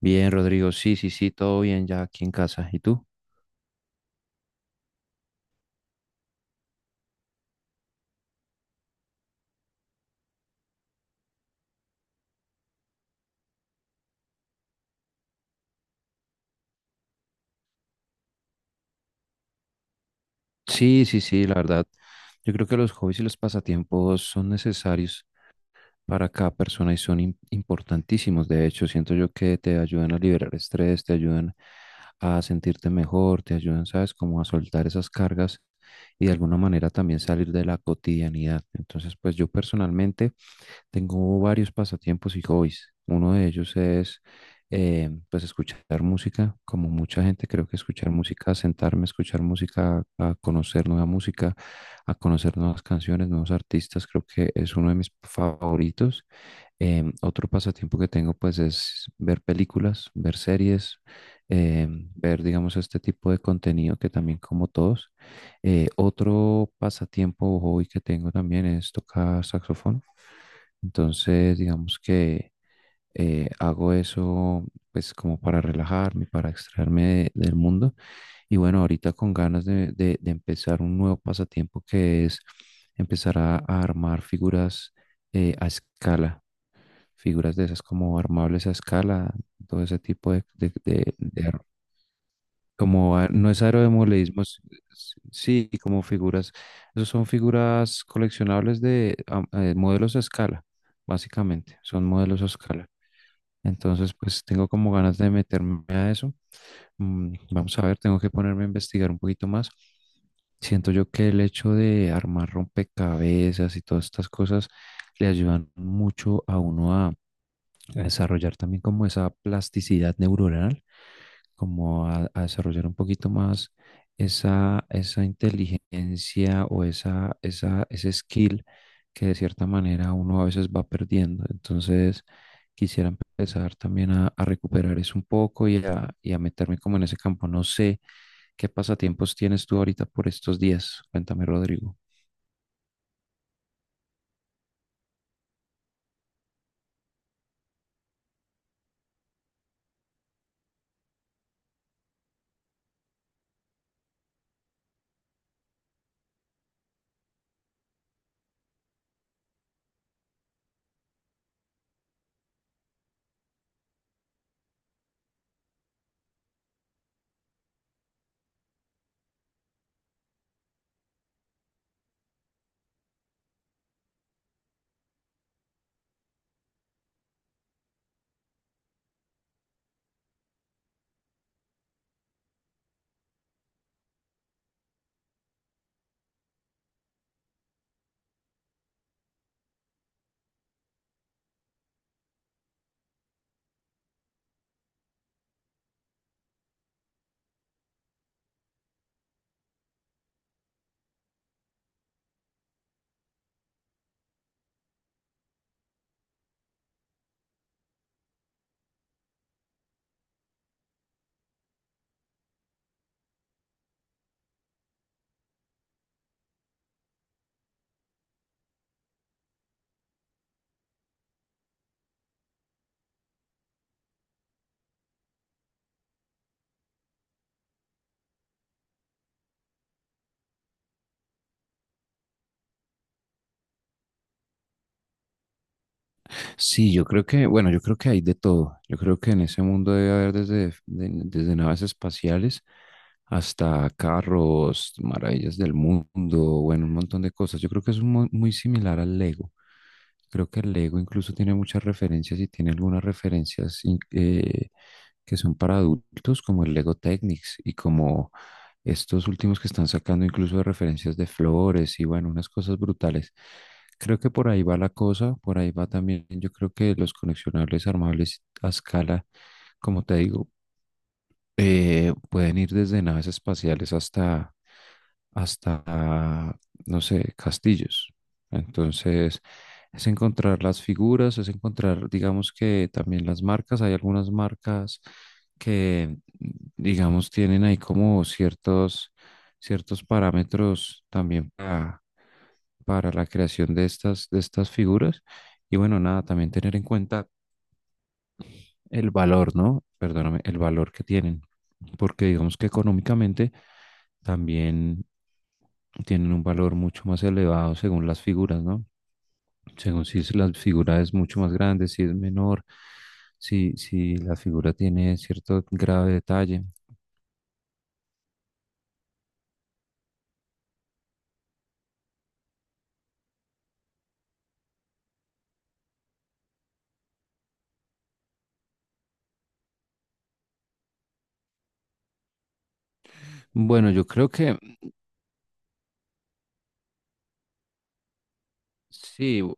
Bien, Rodrigo, sí, sí, sí, todo bien ya aquí en casa. ¿Y tú? Sí, sí, sí, la verdad. Yo creo que los hobbies y los pasatiempos son necesarios para cada persona y son importantísimos. De hecho, siento yo que te ayudan a liberar estrés, te ayudan a sentirte mejor, te ayudan, ¿sabes?, como a soltar esas cargas y de alguna manera también salir de la cotidianidad. Entonces, pues yo personalmente, tengo varios pasatiempos y hobbies. Uno de ellos es pues escuchar música, como mucha gente, creo que escuchar música, sentarme a escuchar música, a conocer nueva música, a conocer nuevas canciones, nuevos artistas, creo que es uno de mis favoritos. Otro pasatiempo que tengo pues es ver películas, ver series, ver, digamos, este tipo de contenido que también como todos. Otro pasatiempo o hobby que tengo también es tocar saxofón. Entonces, digamos que hago eso pues como para relajarme, para extraerme del mundo. Y bueno, ahorita con ganas de, de empezar un nuevo pasatiempo que es empezar a armar figuras a escala, figuras de esas como armables a escala, todo ese tipo de, de como no es aerodemorfismo, sí, como figuras. Esos son figuras coleccionables de modelos a escala, básicamente. Son modelos a escala. Entonces, pues tengo como ganas de meterme a eso. Mm, vamos a ver, tengo que ponerme a investigar un poquito más. Siento yo que el hecho de armar rompecabezas y todas estas cosas le ayudan mucho a uno a desarrollar también como esa plasticidad neuronal, como a desarrollar un poquito más esa, esa inteligencia o esa, ese skill que de cierta manera uno a veces va perdiendo. Entonces, quisiera empezar también a recuperar eso un poco y a meterme como en ese campo. No sé qué pasatiempos tienes tú ahorita por estos días. Cuéntame, Rodrigo. Sí, yo creo que, bueno, yo creo que hay de todo. Yo creo que en ese mundo debe haber desde, desde naves espaciales hasta carros, maravillas del mundo, bueno, un montón de cosas. Yo creo que es un muy similar al Lego. Creo que el Lego incluso tiene muchas referencias y tiene algunas referencias que son para adultos, como el Lego Technics, y como estos últimos que están sacando incluso de referencias de flores y, bueno, unas cosas brutales. Creo que por ahí va la cosa, por ahí va también, yo creo que los coleccionables armables a escala, como te digo, pueden ir desde naves espaciales hasta hasta, no sé, castillos. Entonces, es encontrar las figuras, es encontrar, digamos, que también las marcas. Hay algunas marcas que, digamos, tienen ahí como ciertos, ciertos parámetros también para la creación de estas figuras. Y bueno, nada, también tener en cuenta el valor, ¿no? Perdóname, el valor que tienen, porque digamos que económicamente también tienen un valor mucho más elevado según las figuras, ¿no? Según si la figura es mucho más grande, si es menor, si, si la figura tiene cierto grado de detalle. Bueno, yo creo que, sí,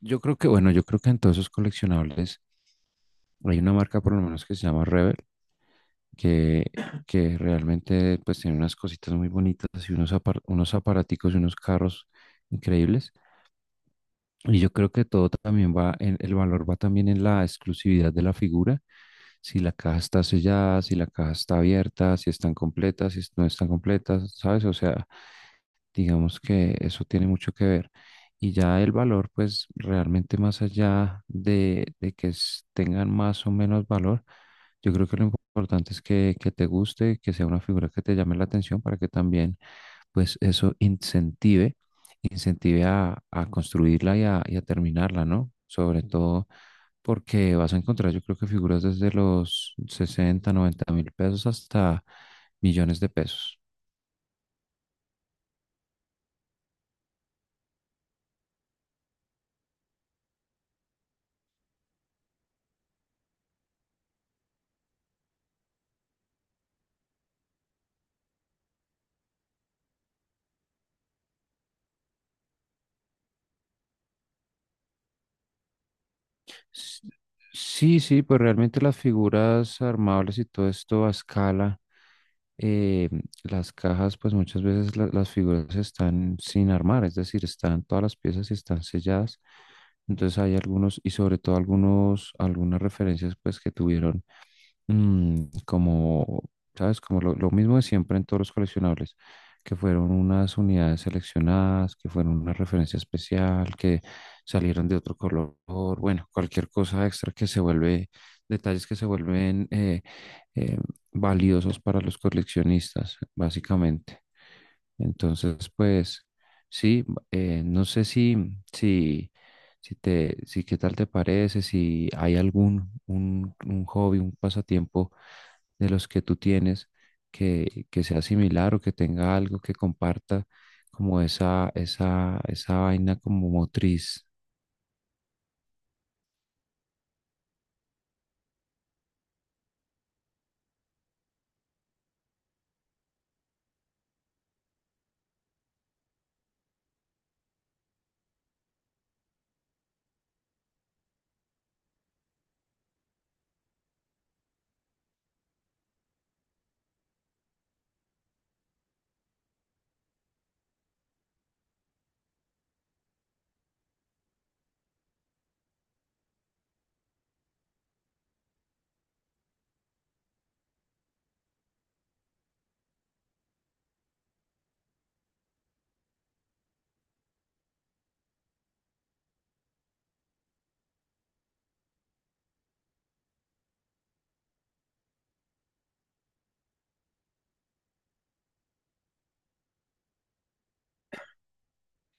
yo creo que, bueno, yo creo que en todos esos coleccionables hay una marca por lo menos que se llama Rebel, que, que realmente pues tiene unas cositas muy bonitas y unos, unos aparaticos y unos carros increíbles. Y yo creo que todo también va, el valor va también en la exclusividad de la figura. Si la caja está sellada, si la caja está abierta, si están completas, si no están completas, ¿sabes? O sea, digamos que eso tiene mucho que ver. Y ya el valor, pues realmente más allá de que tengan más o menos valor, yo creo que lo importante es que te guste, que sea una figura que te llame la atención, para que también, pues eso incentive a construirla y a terminarla, ¿no? Sobre todo porque vas a encontrar, yo creo que, figuras desde los 60, 90 mil pesos hasta millones de pesos. S- Sí, sí, pues realmente las figuras armables y todo esto a escala, eh, las cajas, pues muchas veces las figuras están sin armar, es decir, están todas las piezas y están selladas. Entonces hay algunos, y sobre todo algunos, algunas referencias, pues, que tuvieron como, ¿sabes? Como lo mismo de siempre en todos los coleccionables, que fueron unas unidades seleccionadas, que fueron una referencia especial, que salieron de otro color, bueno, cualquier cosa extra que se vuelve, detalles que se vuelven eh, valiosos para los coleccionistas, básicamente. Entonces, pues, sí, no sé si, si, si te, si qué tal te parece, si hay algún un hobby, un pasatiempo de los que tú tienes que sea similar o que tenga algo que comparta como esa vaina como motriz.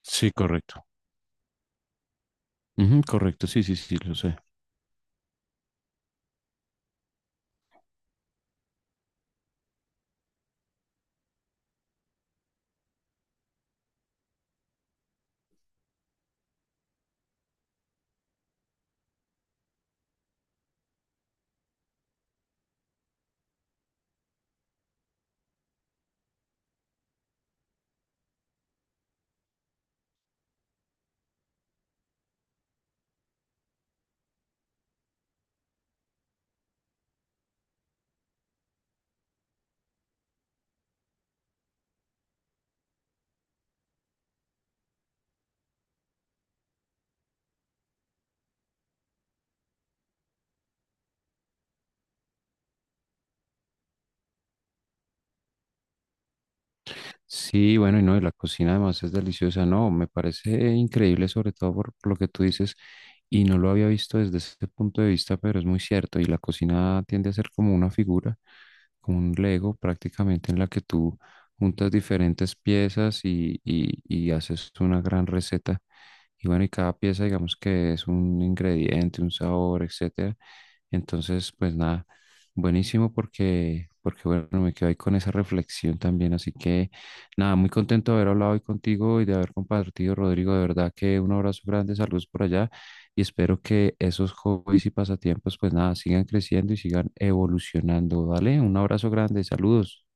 Sí, correcto. Ujú, correcto, sí, sí, sí, lo sé. Sí, bueno, y no, y la cocina además es deliciosa, no, me parece increíble sobre todo por lo que tú dices, y no lo había visto desde ese punto de vista, pero es muy cierto, y la cocina tiende a ser como una figura, como un Lego prácticamente en la que tú juntas diferentes piezas y haces una gran receta, y bueno, y cada pieza, digamos, que es un ingrediente, un sabor, etcétera. Entonces, pues nada, buenísimo porque, porque bueno, me quedo ahí con esa reflexión también, así que nada, muy contento de haber hablado hoy contigo y de haber compartido, Rodrigo. De verdad que un abrazo grande, saludos por allá, y espero que esos hobbies y pasatiempos, pues nada, sigan creciendo y sigan evolucionando. Dale, un abrazo grande, saludos.